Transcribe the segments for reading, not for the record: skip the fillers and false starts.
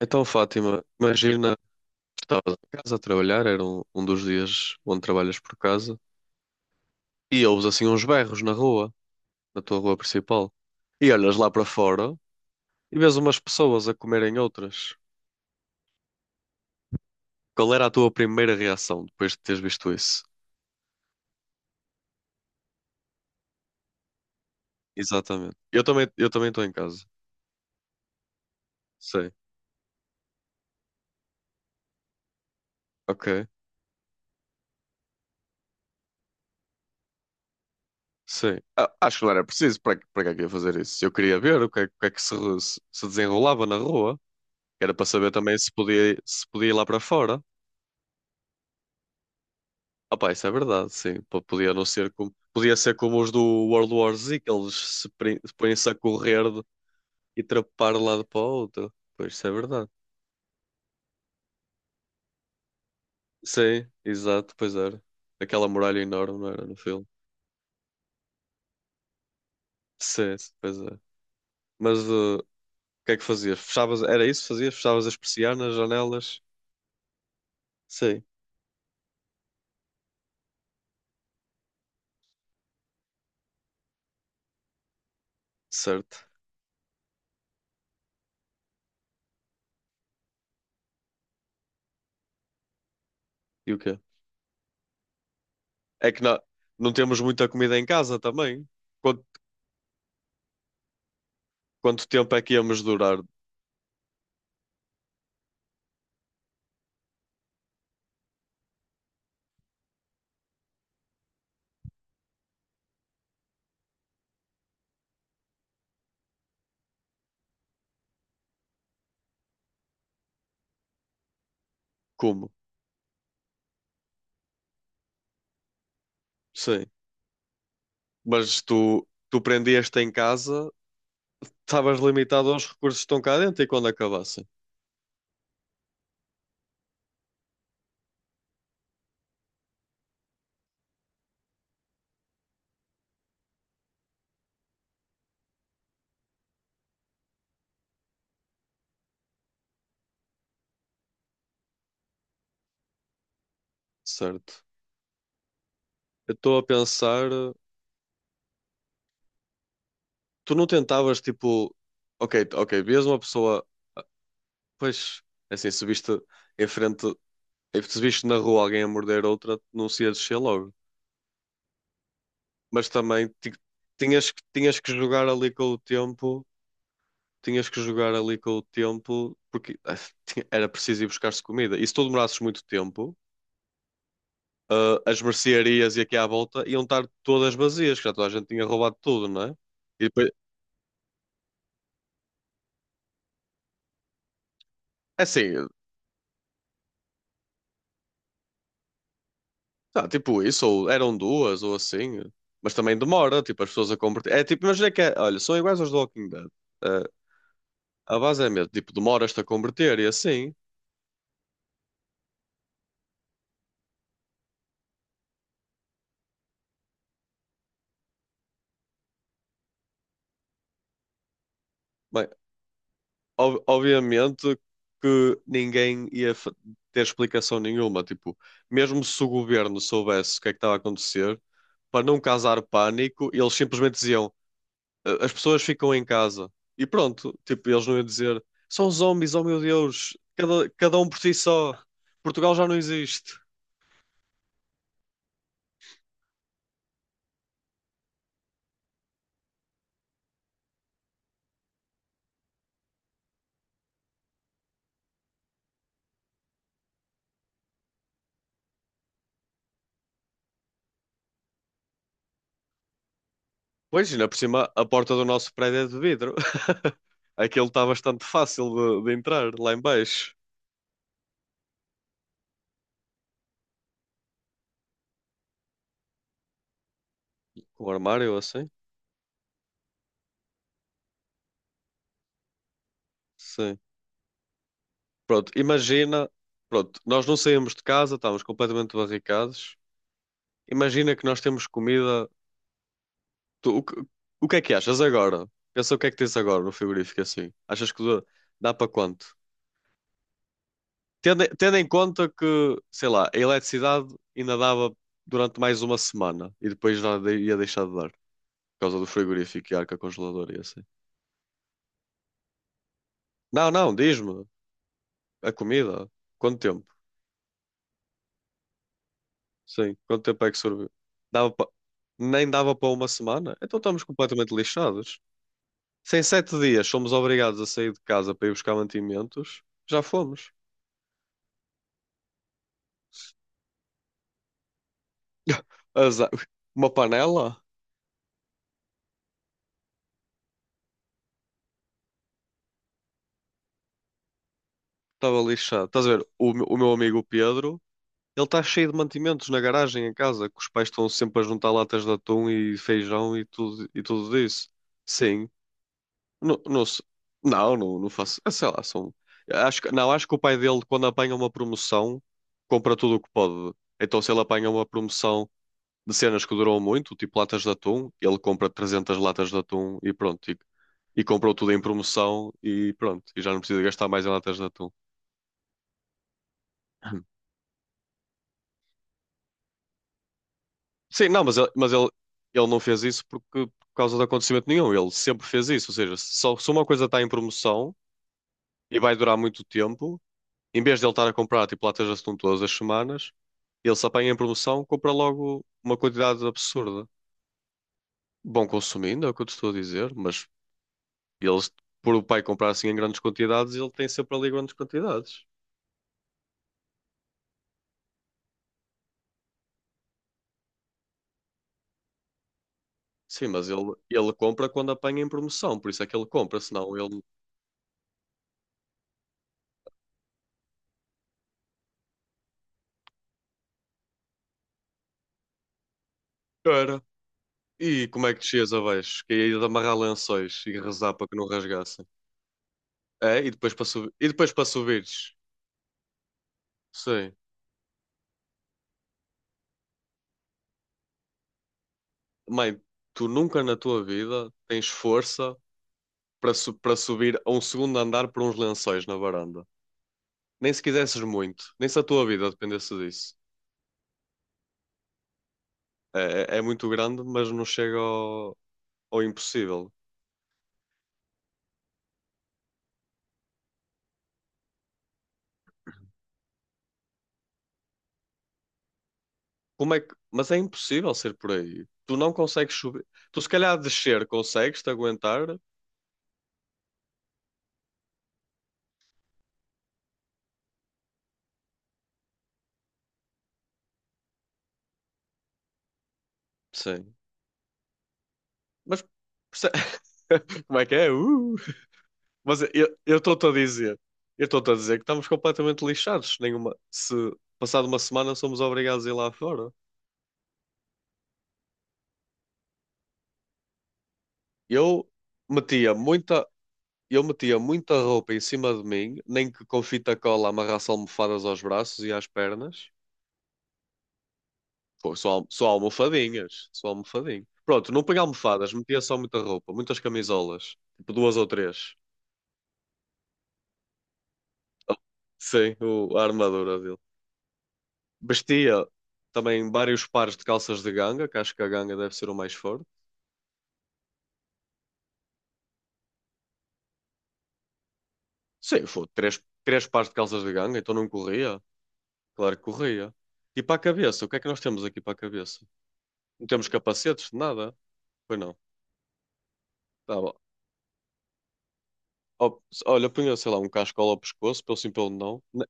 Então, Fátima, imagina que estavas em casa a trabalhar, era um dos dias onde trabalhas por casa, e ouves assim uns berros na rua, na tua rua principal, e olhas lá para fora e vês umas pessoas a comerem outras. Qual era a tua primeira reação depois de teres visto isso? Exatamente. Eu também estou em casa. Sim. Ok. Sim. Ah, acho que não era preciso. Para, para que é que ia fazer isso? Eu queria ver o que é que se, se desenrolava na rua. Era para saber também se podia ir lá para fora. Ah pá, isso é verdade, sim. Podia não ser como... Podia ser como os do World War Z, que eles se põem-se a correr e trepar de um lado para o outro. Pois, isso é verdade. Sim, exato, pois era. Aquela muralha enorme, não era, no filme? Sim, sim, pois é. Mas o que é que fazias? Fechavas... Era isso que fazias? Fechavas as persianas, janelas? Sim, certo. E o quê? É que não, não temos muita comida em casa também. Quanto, quanto tempo é que íamos durar? Como? Sim. Mas tu prendias-te em casa, estavas limitado aos recursos que estão cá dentro e quando acabassem, certo? Eu estou a pensar, tu não tentavas tipo, ok, ok, vias uma pessoa, pois, é assim, se viste em frente, se viste na rua alguém a morder outra, não se ia descer logo. Mas também tinhas, tinhas que jogar ali com o tempo, tinhas que jogar ali com o tempo, porque ah, era preciso ir buscar-se comida. E se tu demorasses muito tempo. As mercearias e aqui à volta iam estar todas vazias, que já toda a gente tinha roubado tudo, não é? E depois, é assim, tá, tipo isso, ou eram duas, ou assim, mas também demora, tipo, as pessoas a converter. É tipo, imagina que é, olha, são iguais aos do Walking Dead. Ah, a base é mesmo, tipo, demoras-te a converter e assim. Bem, obviamente que ninguém ia ter explicação nenhuma, tipo, mesmo se o governo soubesse o que é que estava a acontecer, para não causar pânico, eles simplesmente diziam. As pessoas ficam em casa e pronto, tipo, eles não iam dizer são zombies, oh meu Deus, cada um por si só, Portugal já não existe. Pois, ainda por cima, a porta do nosso prédio é de vidro. Aquilo está bastante fácil de entrar lá em baixo. Com o armário assim? Sim. Pronto, imagina. Pronto, nós não saímos de casa, estávamos completamente barricados. Imagina que nós temos comida. Tu- o, que, o que é que achas agora? Pensa o que é que tens agora no frigorífico assim. Achas que dá, para quanto? Tendo em conta que, sei lá, a eletricidade ainda dava durante mais uma semana e depois já ia deixar de dar, por causa do frigorífico e arca congeladora e assim. Não, não, diz-me, a comida, quanto tempo? Sim, quanto tempo é que serviu? Dava pa- Nem dava para uma semana? Então estamos completamente lixados. Se em 7 dias somos obrigados a sair de casa para ir buscar mantimentos, já fomos. Azar. Uma panela? Estava lixado. Estás a ver, o meu amigo Pedro. Ele está cheio de mantimentos na garagem em casa, que os pais estão sempre a juntar latas de atum e feijão e tudo isso. Sim. Não, não, não, não, não faço. Sei lá, são. Acho, não, acho que o pai dele, quando apanha uma promoção, compra tudo o que pode. Então, se ele apanha uma promoção de cenas que duram muito, tipo latas de atum, ele compra 300 latas de atum e pronto. E comprou tudo em promoção e pronto. E já não precisa gastar mais em latas de atum. Sim, não, ele não fez isso porque, por causa de acontecimento nenhum. Ele sempre fez isso. Ou seja, se uma coisa está em promoção e vai durar muito tempo, em vez de ele estar a comprar tipo latas de atum todas as semanas, ele se apanha em promoção, compra logo uma quantidade absurda. Bom consumindo, é o que eu te estou a dizer, mas eles, por o pai comprar assim em grandes quantidades, ele tem sempre ali grandes quantidades. Sim, ele compra quando apanha em promoção, por isso é que ele compra, senão ele. E como é que descias abaixo? Que ia de amarrar lençóis e rezar para que não rasgassem. É, e depois para subir. E depois para subires. Sim. Mãe, tu nunca na tua vida tens força para, para subir a um segundo andar por uns lençóis na varanda. Nem se quisesses muito. Nem se a tua vida dependesse disso. É muito grande, mas não chega ao, impossível. Como é que. Mas é impossível ser por aí. Tu não consegues subir. Tu se calhar descer consegues-te aguentar. Sim. Mas perce- como é que é? Mas eu estou-te a dizer, eu estou-te a dizer que estamos completamente lixados. Nenhuma, se passado uma semana somos obrigados a ir lá fora. Eu metia muita, eu metia muita roupa em cima de mim, nem que com fita cola amarrasse almofadas aos braços e às pernas. Pô, só, só almofadinhas, só almofadinho. Pronto, não punha almofadas, metia só muita roupa, muitas camisolas, tipo duas ou três. Oh, sim, a armadura. Vestia também vários pares de calças de ganga, que acho que a ganga deve ser o mais forte. Sim, foi três pares de calças de ganga, então não corria? Claro que corria. E para a cabeça, o que é que nós temos aqui para a cabeça? Não temos capacetes, nada? Pois não. Tá bom. Ó, Olha, punha, sei lá, um cascola ao pescoço, pelo sim, pelo não.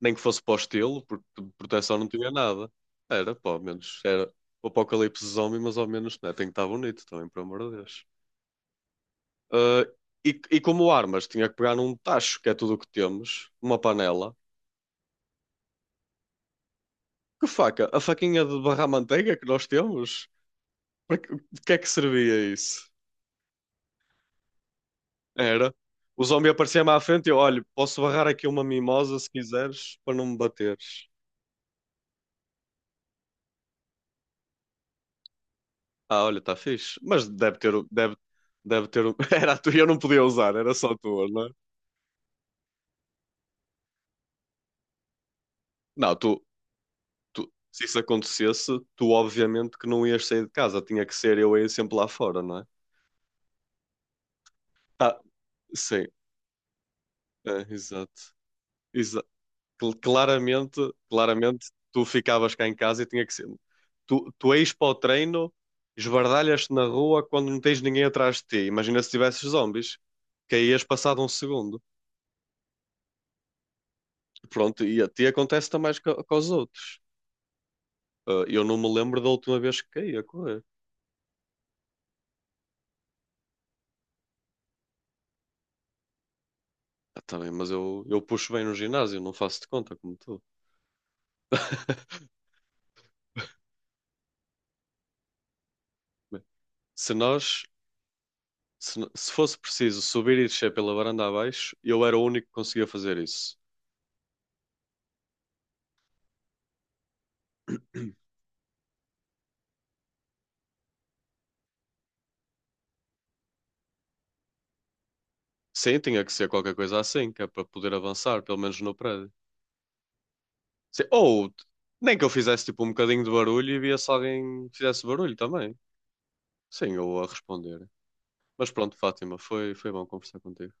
Nem que fosse para o estilo, porque de proteção não tinha nada. Era, pô, ao menos, era o apocalipse zombie, mas ao menos, né, tem que estar bonito também, por amor de Deus. Uh, e como armas, tinha que pegar num tacho, que é tudo o que temos, uma panela. Que faca? A faquinha de barrar manteiga que nós temos? Para que, de que é que servia isso? Era. O zombie aparecia-me à frente e eu, olha, posso barrar aqui uma mimosa se quiseres, para não me bateres. Ah, olha, está fixe. Mas deve ter, deve, deve ter. Era a tua, eu não podia usar, era só a tua, não é? Não, tu, se isso acontecesse, tu obviamente que não ias sair de casa, tinha que ser eu a ir sempre lá fora, não é? Ah, sim. É, exato. Exa- Claramente, claramente, tu ficavas cá em casa e tinha que ser. Tu és para o treino, esbardalhas-te na rua quando não tens ninguém atrás de ti. Imagina se tivesses zombies, caías passado um segundo. Pronto, e a ti acontece também com, os outros. Ah, eu não me lembro da última vez que caí a correr. Ah, tá bem, mas eu puxo bem no ginásio, não faço de conta como tu. Bem, se nós, se fosse preciso subir e descer pela varanda abaixo, eu era o único que conseguia fazer isso. Sim, tinha que ser qualquer coisa assim, que é para poder avançar, pelo menos no prédio. Sim. Ou nem que eu fizesse tipo um bocadinho de barulho e via se alguém fizesse barulho também. Sim, eu a responder. Mas pronto, Fátima, foi bom conversar contigo.